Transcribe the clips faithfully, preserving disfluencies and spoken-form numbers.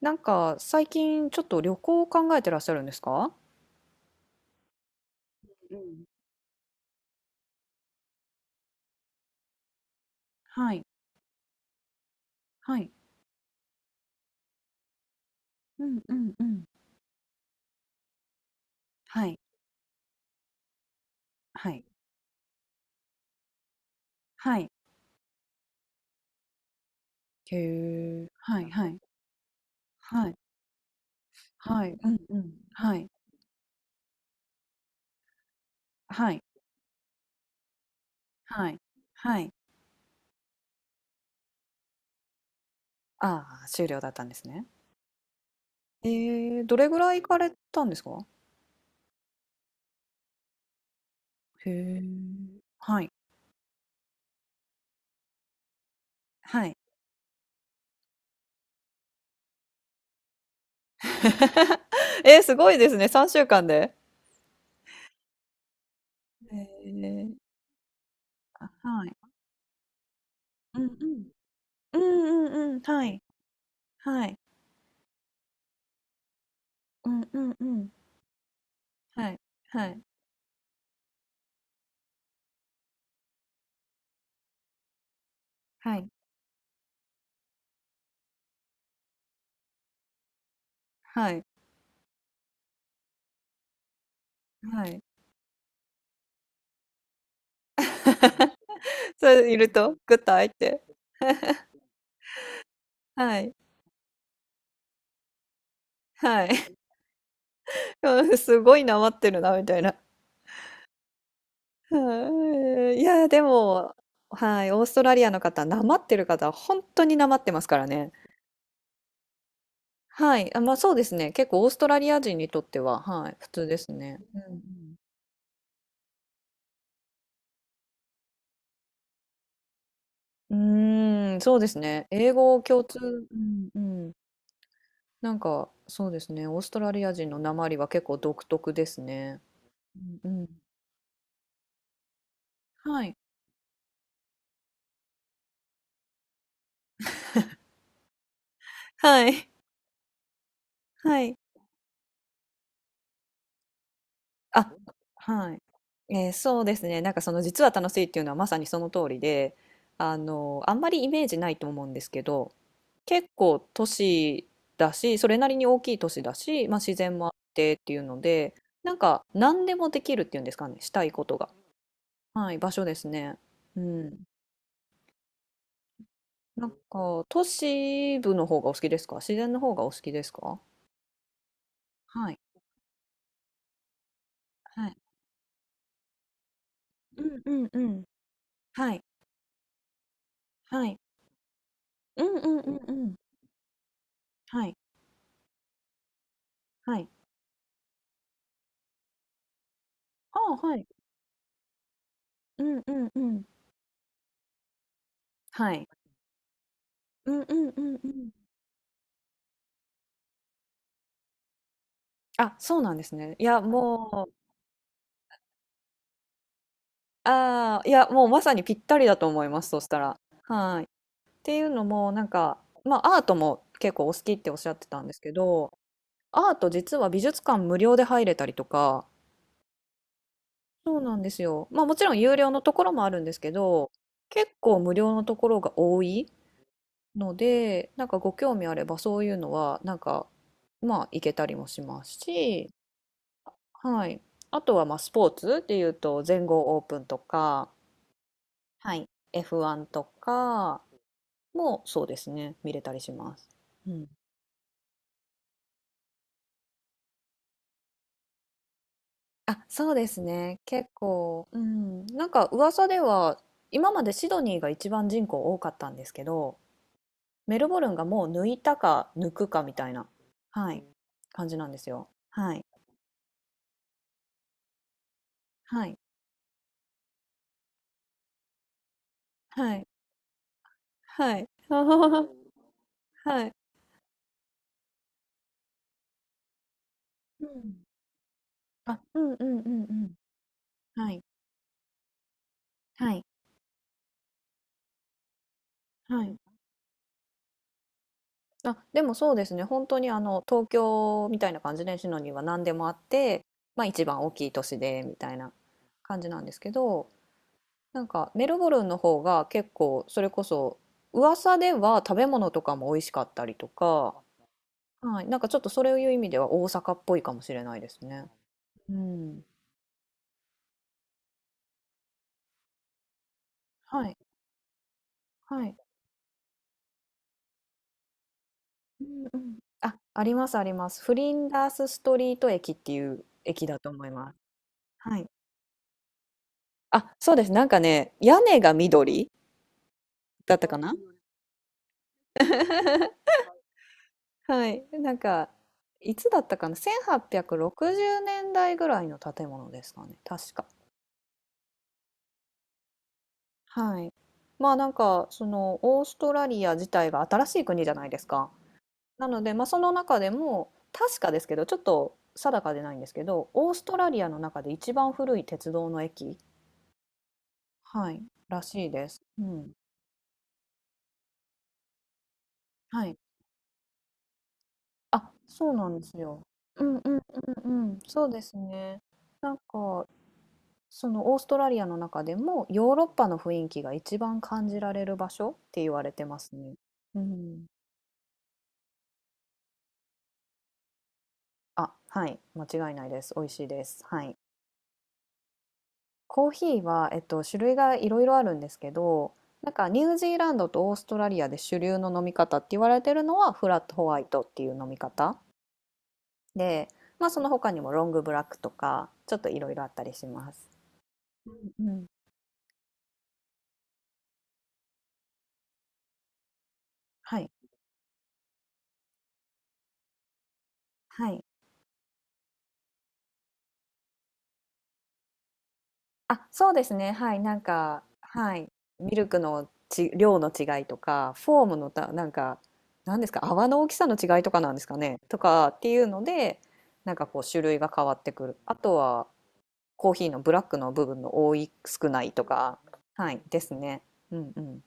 なんか最近ちょっと旅行を考えてらっしゃるんですか？うん、はい、はい、うんうんうん、はい、はい、はい、へえ。はい、はい、はい、はい、うんうん、はい、はい、はい、はい。ああ、終了だったんですね。ええ、どれぐらい行かれたんですか？へえ。はい、はい。えー、すごいですね。さんしゅうかんで。ええ、あ、はい、うんうん、うんうんうん、はい、はい、うんうんうん、はい、はい。はい。はい。はい。それいると、グッと開いて、はい。はい。うん、すごいなまってるなみたいな。はい。いや、でも、はい、オーストラリアの方、なまってる方は当になまってますからね。はい。あ、ま、そうですね。結構オーストラリア人にとっては、はい、普通ですね。うんうん。うーん、そうですね。英語共通うんうん。なんか、そうですね、オーストラリア人のなまりは結構独特ですね。うんうん。はい。はい。はい。あ、はい。えーそうですね。なんかその実は楽しいっていうのはまさにその通りで、あの、あんまりイメージないと思うんですけど、結構都市だし、それなりに大きい都市だし、まあ自然もあってっていうので、なんか何でもできるっていうんですかね、したいことが。はい、場所ですね。うん。なんか都市部の方がお好きですか？自然の方がお好きですか？はい、はい。うんうんうん。はい、はい。うんうんうんうん。はい。はい。ああ、はい。うんうんうん。はい。うんうんうんうん。あ、そうなんですね。いや、もう、ああ、いや、もうまさにぴったりだと思います、そしたら。はい。っていうのも、なんか、まあ、アートも結構お好きっておっしゃってたんですけど、アート実は美術館無料で入れたりとか、そうなんですよ。まあ、もちろん有料のところもあるんですけど、結構無料のところが多いので、なんかご興味あればそういうのは、なんか、まあ、行けたりもしますし、はい。あとはまあスポーツっていうと全豪オープンとか、はい、エフワン とかもそうですね、見れたりします。うん。あ、そうですね。結構、うん。なんか噂では今までシドニーが一番人口多かったんですけど、メルボルンがもう抜いたか抜くかみたいな、はい、感じなんですよ。はい。はい。はい。はい。はい。うん。あ、うんうんうんうん。はい。はい。はい。あ、でもそうですね。本当にあの東京みたいな感じでシノには何でもあって、まあ一番大きい都市でみたいな感じなんですけど、なんかメルボルンの方が結構それこそ噂では食べ物とかも美味しかったりとか、はい、なんかちょっとそういう意味では大阪っぽいかもしれないですね。うん。はい、はい。うんうん。あ、ありますあります。フリンダースストリート駅っていう駅だと思います。はい。あ、そうです。なんかね、屋根が緑。だったかな。はい。なんか、いつだったかな？ せんはっぴゃくろくじゅう 年代ぐらいの建物ですかね。確か。はい。まあなんか、その、オーストラリア自体が新しい国じゃないですか。なので、まあその中でも、確かですけど、ちょっと定かでないんですけど、オーストラリアの中で一番古い鉄道の駅、はい、らしいです。うん。はい。あ、そうなんですよ。うんうんうんうん。そうですね。なんか、そのオーストラリアの中でもヨーロッパの雰囲気が一番感じられる場所って言われてますね。うん。あ、はい、間違いないです。美味しいです。はい。コーヒーは、えっと、種類がいろいろあるんですけど、なんかニュージーランドとオーストラリアで主流の飲み方って言われてるのはフラットホワイトっていう飲み方で、まあその他にもロングブラックとかちょっといろいろあったりします。うん、うん、はい。はい。あ、そうですね。はい、なんか、はい、ミルクのち、量の違いとか、フォームのた、なんか、なんですか、泡の大きさの違いとかなんですかね、とかっていうので、なんかこう種類が変わってくる。あとはコーヒーのブラックの部分の多い、少ないとか、はい、ですね。うんうん。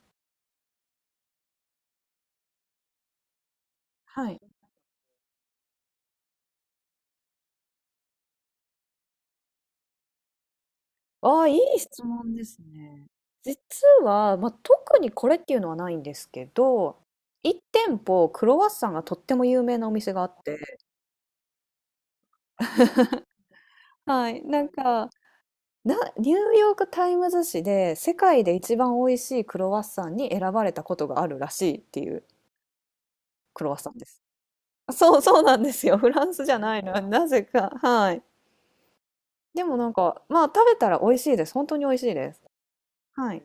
はい。ああ、いい質問ですね。実は、まあ、特にこれっていうのはないんですけど、いち店舗クロワッサンがとっても有名なお店があって、はい、なんかな、ニューヨーク・タイムズ紙で世界で一番美味しいクロワッサンに選ばれたことがあるらしいっていうクロワッサンです。そうそうなんですよ。フランスじゃないの。なぜか。はい。でもなんか、まあ食べたら美味しいです。本当に美味しいです。はい。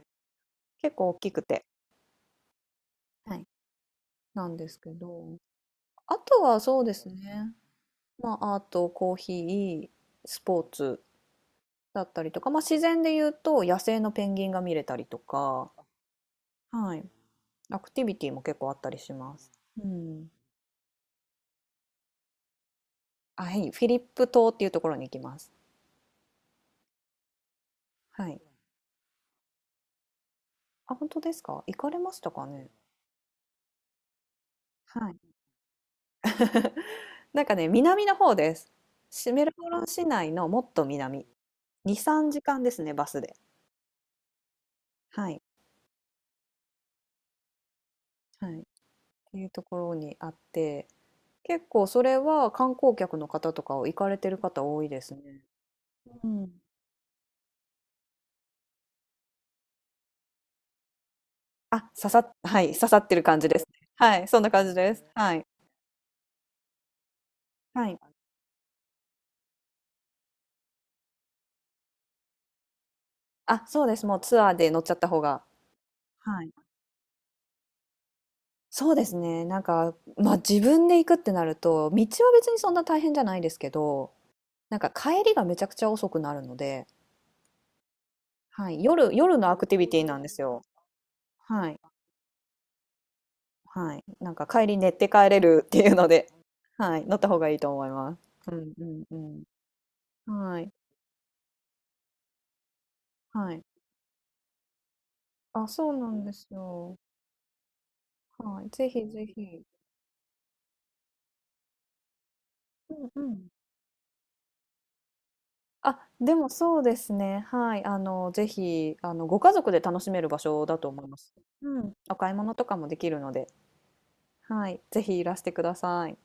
結構大きくて。はい。なんですけど。あとはそうですね。まあアート、コーヒー、スポーツだったりとか、まあ自然で言うと野生のペンギンが見れたりとか、はい。アクティビティも結構あったりします。うん。あ、はい、フィリップ島っていうところに行きます。はい。あ、本当ですか？行かれましたかね？はい。なんかね、南の方です。シメルボルン市内のもっと南。に、さんじかんですね、バスで。はい。はい。っていうところにあって、結構それは観光客の方とかを行かれてる方多いですね。うん。あ、刺さっ、はい、刺さってる感じですね。はい、そんな感じです。はい。はい。あ、そうです。もうツアーで乗っちゃった方が。そうですね。なんか、まあ自分で行くってなると、道は別にそんな大変じゃないですけど、なんか帰りがめちゃくちゃ遅くなるので、はい、夜、夜のアクティビティなんですよ。はい、はい。なんか帰り寝て帰れるっていうので、はい、乗った方がいいと思います。うんうんうん。はい、はい。あ、そうなんですよ。はい、ぜひぜひ。うんうん。あ、でもそうですね。はい。あの、ぜひ、あの、ご家族で楽しめる場所だと思います。うん。お買い物とかもできるので、はい。ぜひいらしてください。